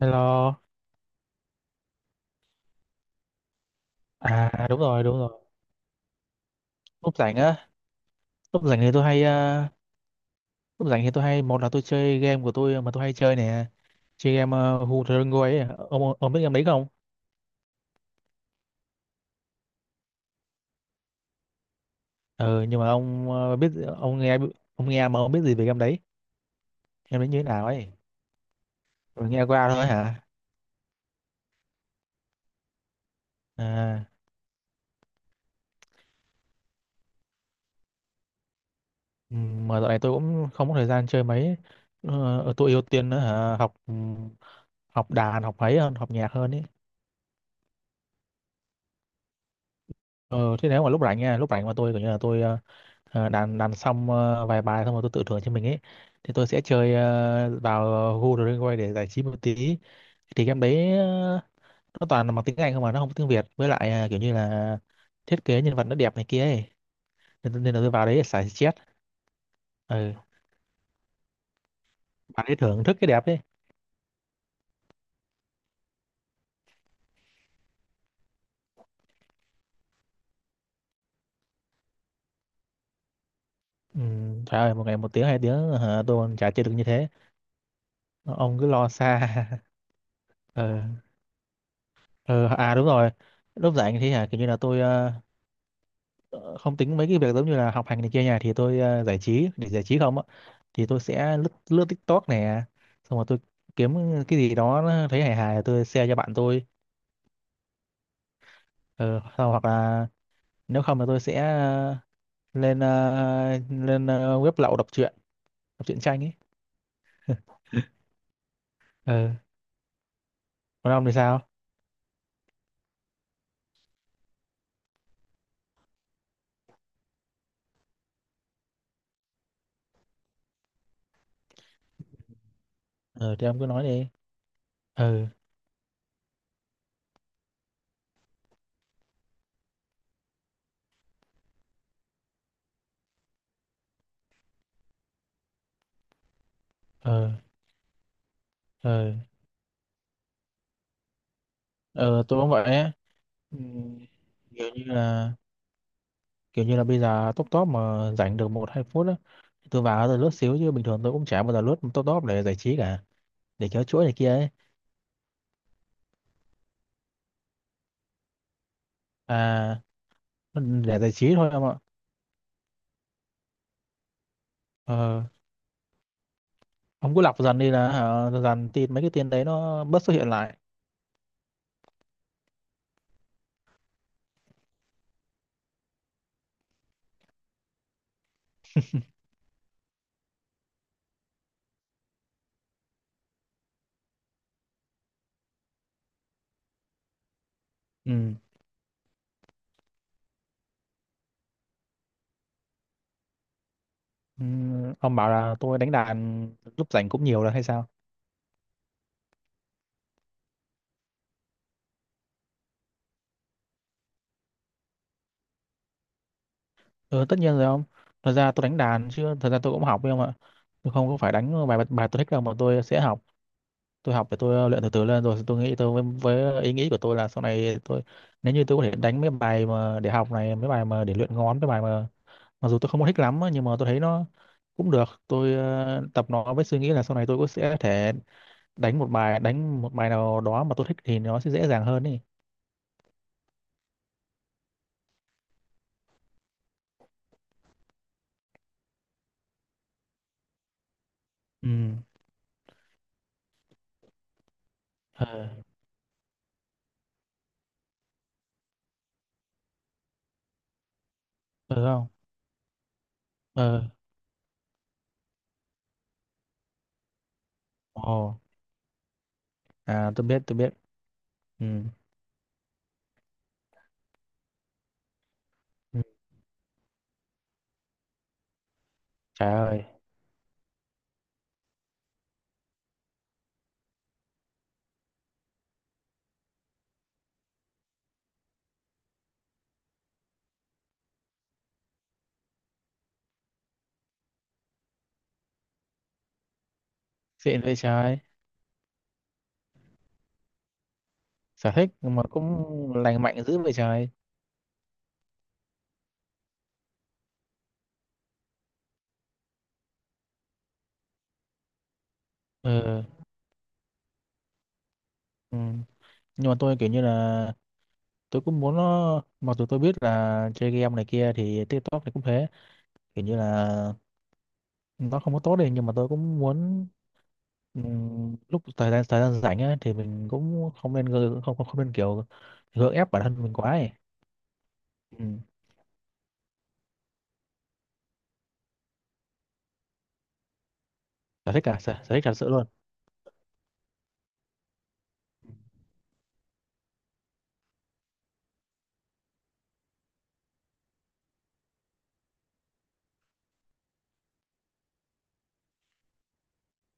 Hello. À đúng rồi, đúng rồi. Lúc rảnh á, lúc rảnh thì tôi hay lúc rảnh thì tôi hay một là tôi chơi game của tôi mà tôi hay chơi nè. Chơi game Who the Go ấy. Ông biết game đấy không? Ừ nhưng mà ông biết ông nghe ông nghe mà ông biết gì về game đấy? Game đấy như thế nào ấy? Rồi nghe qua thôi hả? À mà dạo này tôi cũng không có thời gian chơi mấy. Ờ, ờ, tôi ưu tiên nữa hả? Học học đàn, học ấy hơn, học nhạc hơn ấy. Ờ thế nếu mà lúc rảnh nha, lúc rảnh mà tôi kiểu như là tôi ờ, đàn đàn xong vài bài xong rồi tôi tự thưởng cho mình ấy, thì tôi sẽ chơi vào Google Drive để giải trí một tí. Thì game đấy nó toàn là bằng tiếng Anh không mà nó không có tiếng Việt, với lại kiểu như là thiết kế nhân vật nó đẹp này kia ấy, nên, nên là tôi vào đấy để xả stress. Ừ. Bạn ấy thưởng thức cái đẹp ấy. Ừ, trời ơi một ngày một tiếng hai tiếng hả, tôi còn chả chơi được như thế. Ông cứ lo xa. Ừ. Ừ. À đúng rồi, lúc rảnh thì hả kiểu như là tôi ờ, không tính mấy cái việc giống như là học hành này kia nhà, thì tôi giải trí để giải trí không á, thì tôi sẽ lướt lướt TikTok này, xong rồi tôi kiếm cái gì đó nó thấy hài hài tôi share cho bạn tôi. Ờ, sau hoặc là nếu không là tôi sẽ lên lên web lậu đọc truyện, đọc truyện tranh ấy. Ờ, còn ông thì sao? Ờ thì ông cứ nói đi. Ờ, ờ, ờ, ờ, tôi cũng vậy ấy. Ừ, kiểu như là kiểu như là bây giờ top top mà rảnh được một hai phút á, tôi vào tôi lướt xíu chứ bình thường tôi cũng chả bao giờ lướt top top để giải trí cả, để kéo chuỗi này kia ấy. À, để giải trí thôi em ạ. Ờ, ông cứ lọc dần đi là hả, dần tin mấy cái tin đấy nó bớt xuất hiện lại. Ừ. Ừ, ông bảo là tôi đánh đàn lúc rảnh cũng nhiều là hay sao? Ừ, tất nhiên rồi ông. Thật ra tôi đánh đàn chứ thật ra tôi cũng học với ông ạ. Tôi không có phải đánh bài bài tôi thích đâu mà tôi sẽ học. Tôi học để tôi luyện từ từ lên, rồi tôi nghĩ tôi với ý nghĩ của tôi là sau này tôi, nếu như tôi có thể đánh mấy bài mà để học này, mấy bài mà để luyện ngón, mấy bài mà mặc dù tôi không có thích lắm á, nhưng mà tôi thấy nó cũng được, tôi tập nó với suy nghĩ là sau này tôi cũng sẽ thể đánh một bài, đánh một bài nào đó mà tôi thích thì nó sẽ dễ dàng hơn đi. Ừ. Ờ. Ừ, không. Ờ. Ồ. À tôi biết tôi biết. Ừ. Ừ. Trời ơi, xịn vậy trời. Sở thích mà cũng lành mạnh dữ vậy trời. Ờ. Ừ. Nhưng mà tôi kiểu như là tôi cũng muốn nó mặc dù tôi biết là chơi game này kia thì TikTok này cũng thế, kiểu như là nó không có tốt đi nhưng mà tôi cũng muốn lúc thời gian rảnh ấy, thì mình cũng không nên không không, không nên kiểu gượng ép bản thân mình quá ấy. Ừ. Sở thích cả sở thích thật sự luôn.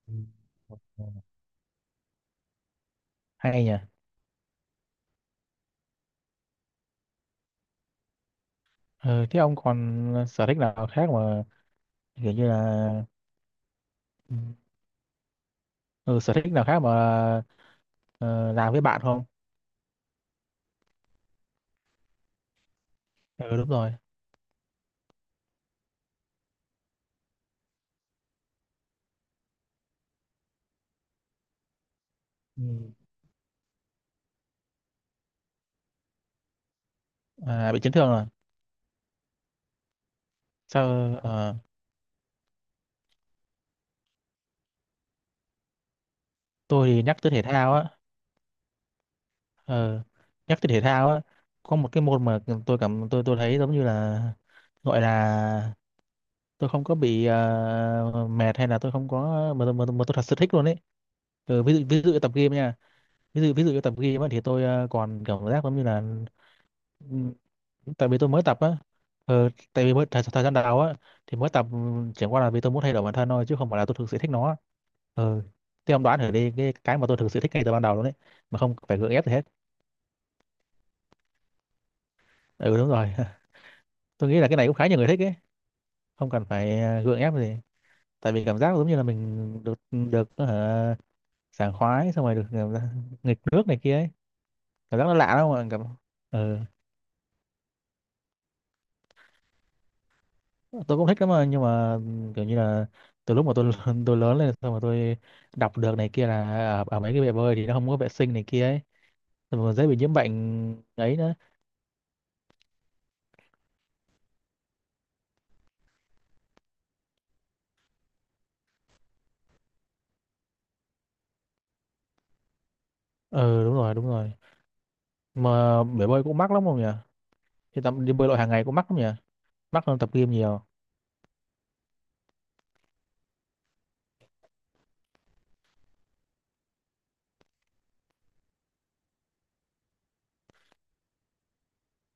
Ừ. Ừ. Hay nhỉ. Ừ, thế ông còn sở thích nào khác mà kiểu như là. Ừ, ừ, sở thích nào khác mà ờ, làm với bạn không? Ừ đúng rồi. Ừ. À, bị chấn thương rồi. Sao ờ, tôi thì nhắc tới thể thao á, ờ, nhắc tới thể thao á, có một cái môn mà tôi cảm tôi thấy giống như là gọi là tôi không có bị mệt hay là tôi không có mà tôi thật sự thích luôn ấy. Ừ, ví dụ như tập gym nha, ví dụ như tập gym á, thì tôi còn cảm giác giống như là, ừ, tại vì tôi mới tập á, ờ, tại vì mới thời gian đầu á thì mới tập, ừ, chẳng qua là vì tôi muốn thay đổi bản thân thôi chứ không phải là tôi thực sự thích nó. Ờ, thế ông đoán thử đi cái mà tôi thực sự thích ngay từ ban đầu luôn đấy, mà không phải gượng ép gì hết. Ừ đúng rồi. Tôi nghĩ là cái này cũng khá nhiều người thích ấy, không cần phải gượng ép gì. Tại vì cảm giác giống như là mình được được sảng khoái xong rồi được nghịch nước này kia ấy. Cảm giác nó lạ lắm mà cảm. Ừ. Tôi cũng thích lắm mà nhưng mà kiểu như là từ lúc mà tôi tôi lớn lên xong mà tôi đọc được này kia là ở, ở mấy cái bể bơi thì nó không có vệ sinh này kia ấy, xong rồi dễ bị nhiễm bệnh ấy nữa. Ừ đúng rồi, đúng rồi. Mà bể bơi cũng mắc lắm không nhỉ? Thì tắm đi bơi lội hàng ngày cũng mắc lắm nhỉ? Mắc hơn tập gym nhiều.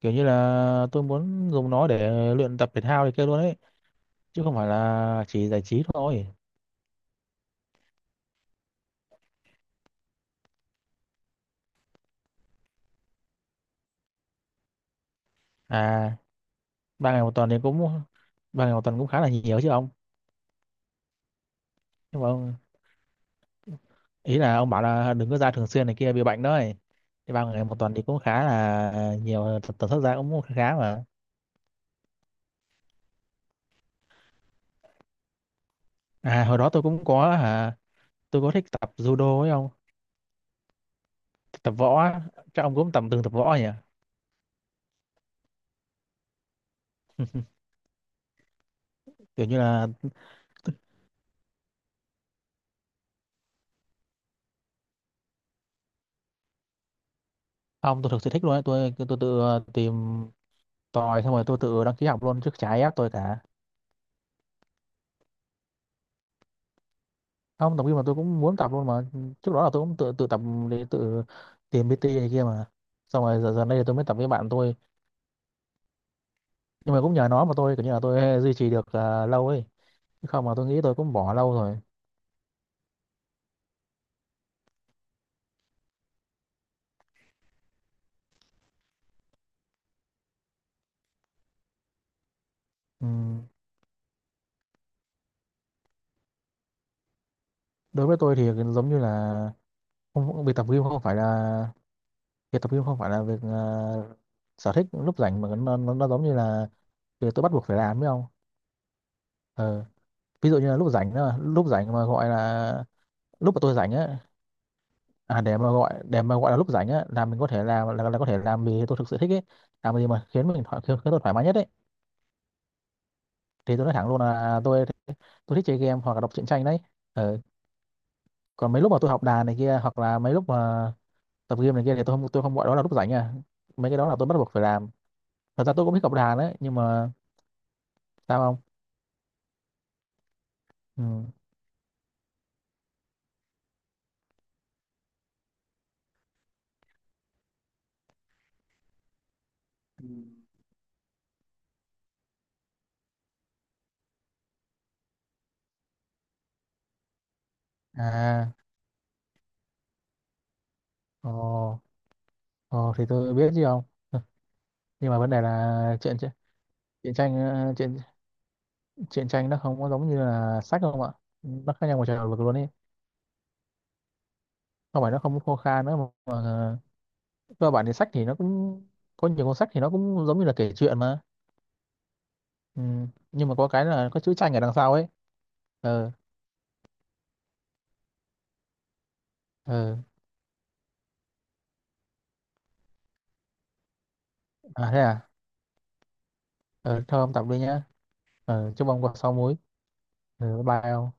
Kiểu như là tôi muốn dùng nó để luyện tập thể thao thì kia luôn ấy, chứ không phải là chỉ giải trí thôi. À, ba ngày một tuần thì cũng ba ngày một tuần cũng khá là nhiều chứ ông. Nhưng mà ông, ý là ông bảo là đừng có ra thường xuyên này kia bị bệnh đó ấy, thì ba ngày một tuần thì cũng khá là nhiều, tập tần suất ra cũng khá mà. À hồi đó tôi cũng có hả, tôi có thích tập judo ấy ông, tập võ á. Chắc ông cũng tập từng tập võ nhỉ, kiểu như là. Ông tôi thực sự thích luôn ấy, tôi tự tìm tòi xong rồi tôi tự đăng ký học luôn, trước chả ai ép tôi cả. Không tập gym mà tôi cũng muốn tập luôn mà, trước đó là tôi cũng tự tự tập để tự tìm PT này kia mà, xong rồi giờ giờ đây tôi mới tập với bạn tôi. Nhưng mà cũng nhờ nó mà tôi kiểu như là tôi duy trì được à, lâu ấy, chứ không mà tôi nghĩ tôi cũng bỏ lâu rồi. Ừ. Đối với tôi thì giống như là không, việc tập gym không phải là việc tập gym không phải là việc sở thích lúc rảnh mà nó giống như là việc tôi bắt buộc phải làm phải không. Ờ. Ví dụ như là lúc rảnh đó, lúc rảnh mà gọi là lúc mà tôi rảnh á, à, để mà gọi là lúc rảnh á là mình có thể làm là có thể làm vì tôi thực sự thích ấy, làm gì mà khiến mình thoải khiến, khiến tôi thoải mái nhất ấy, thì tôi nói thẳng luôn là tôi thích chơi game hoặc là đọc truyện tranh đấy. Ờ, còn mấy lúc mà tôi học đàn này kia hoặc là mấy lúc mà tập game này kia thì tôi không gọi đó là lúc rảnh à, mấy cái đó là tôi bắt buộc phải làm. Thật ra tôi cũng thích học đàn đấy nhưng mà sao không. Ừ. Ừ. À. Ồ. Ồ thì tôi biết chứ không. Nhưng mà vấn đề là chuyện chuyện chuyện tranh chuyện truyện tranh nó không có giống như là sách không ạ, nó khác nhau một trời vực luôn đi, không phải nó không khô khan nữa mà cơ bản thì sách thì nó cũng có nhiều cuốn sách thì nó cũng giống như là kể chuyện mà. Ừ. Nhưng mà có cái là có chữ tranh ở đằng sau ấy. Ờ. Ờ. À thế à. Ờ thôi ông tập đi nhá. Ờ chúc ông có sáu múi. Ờ bye ông.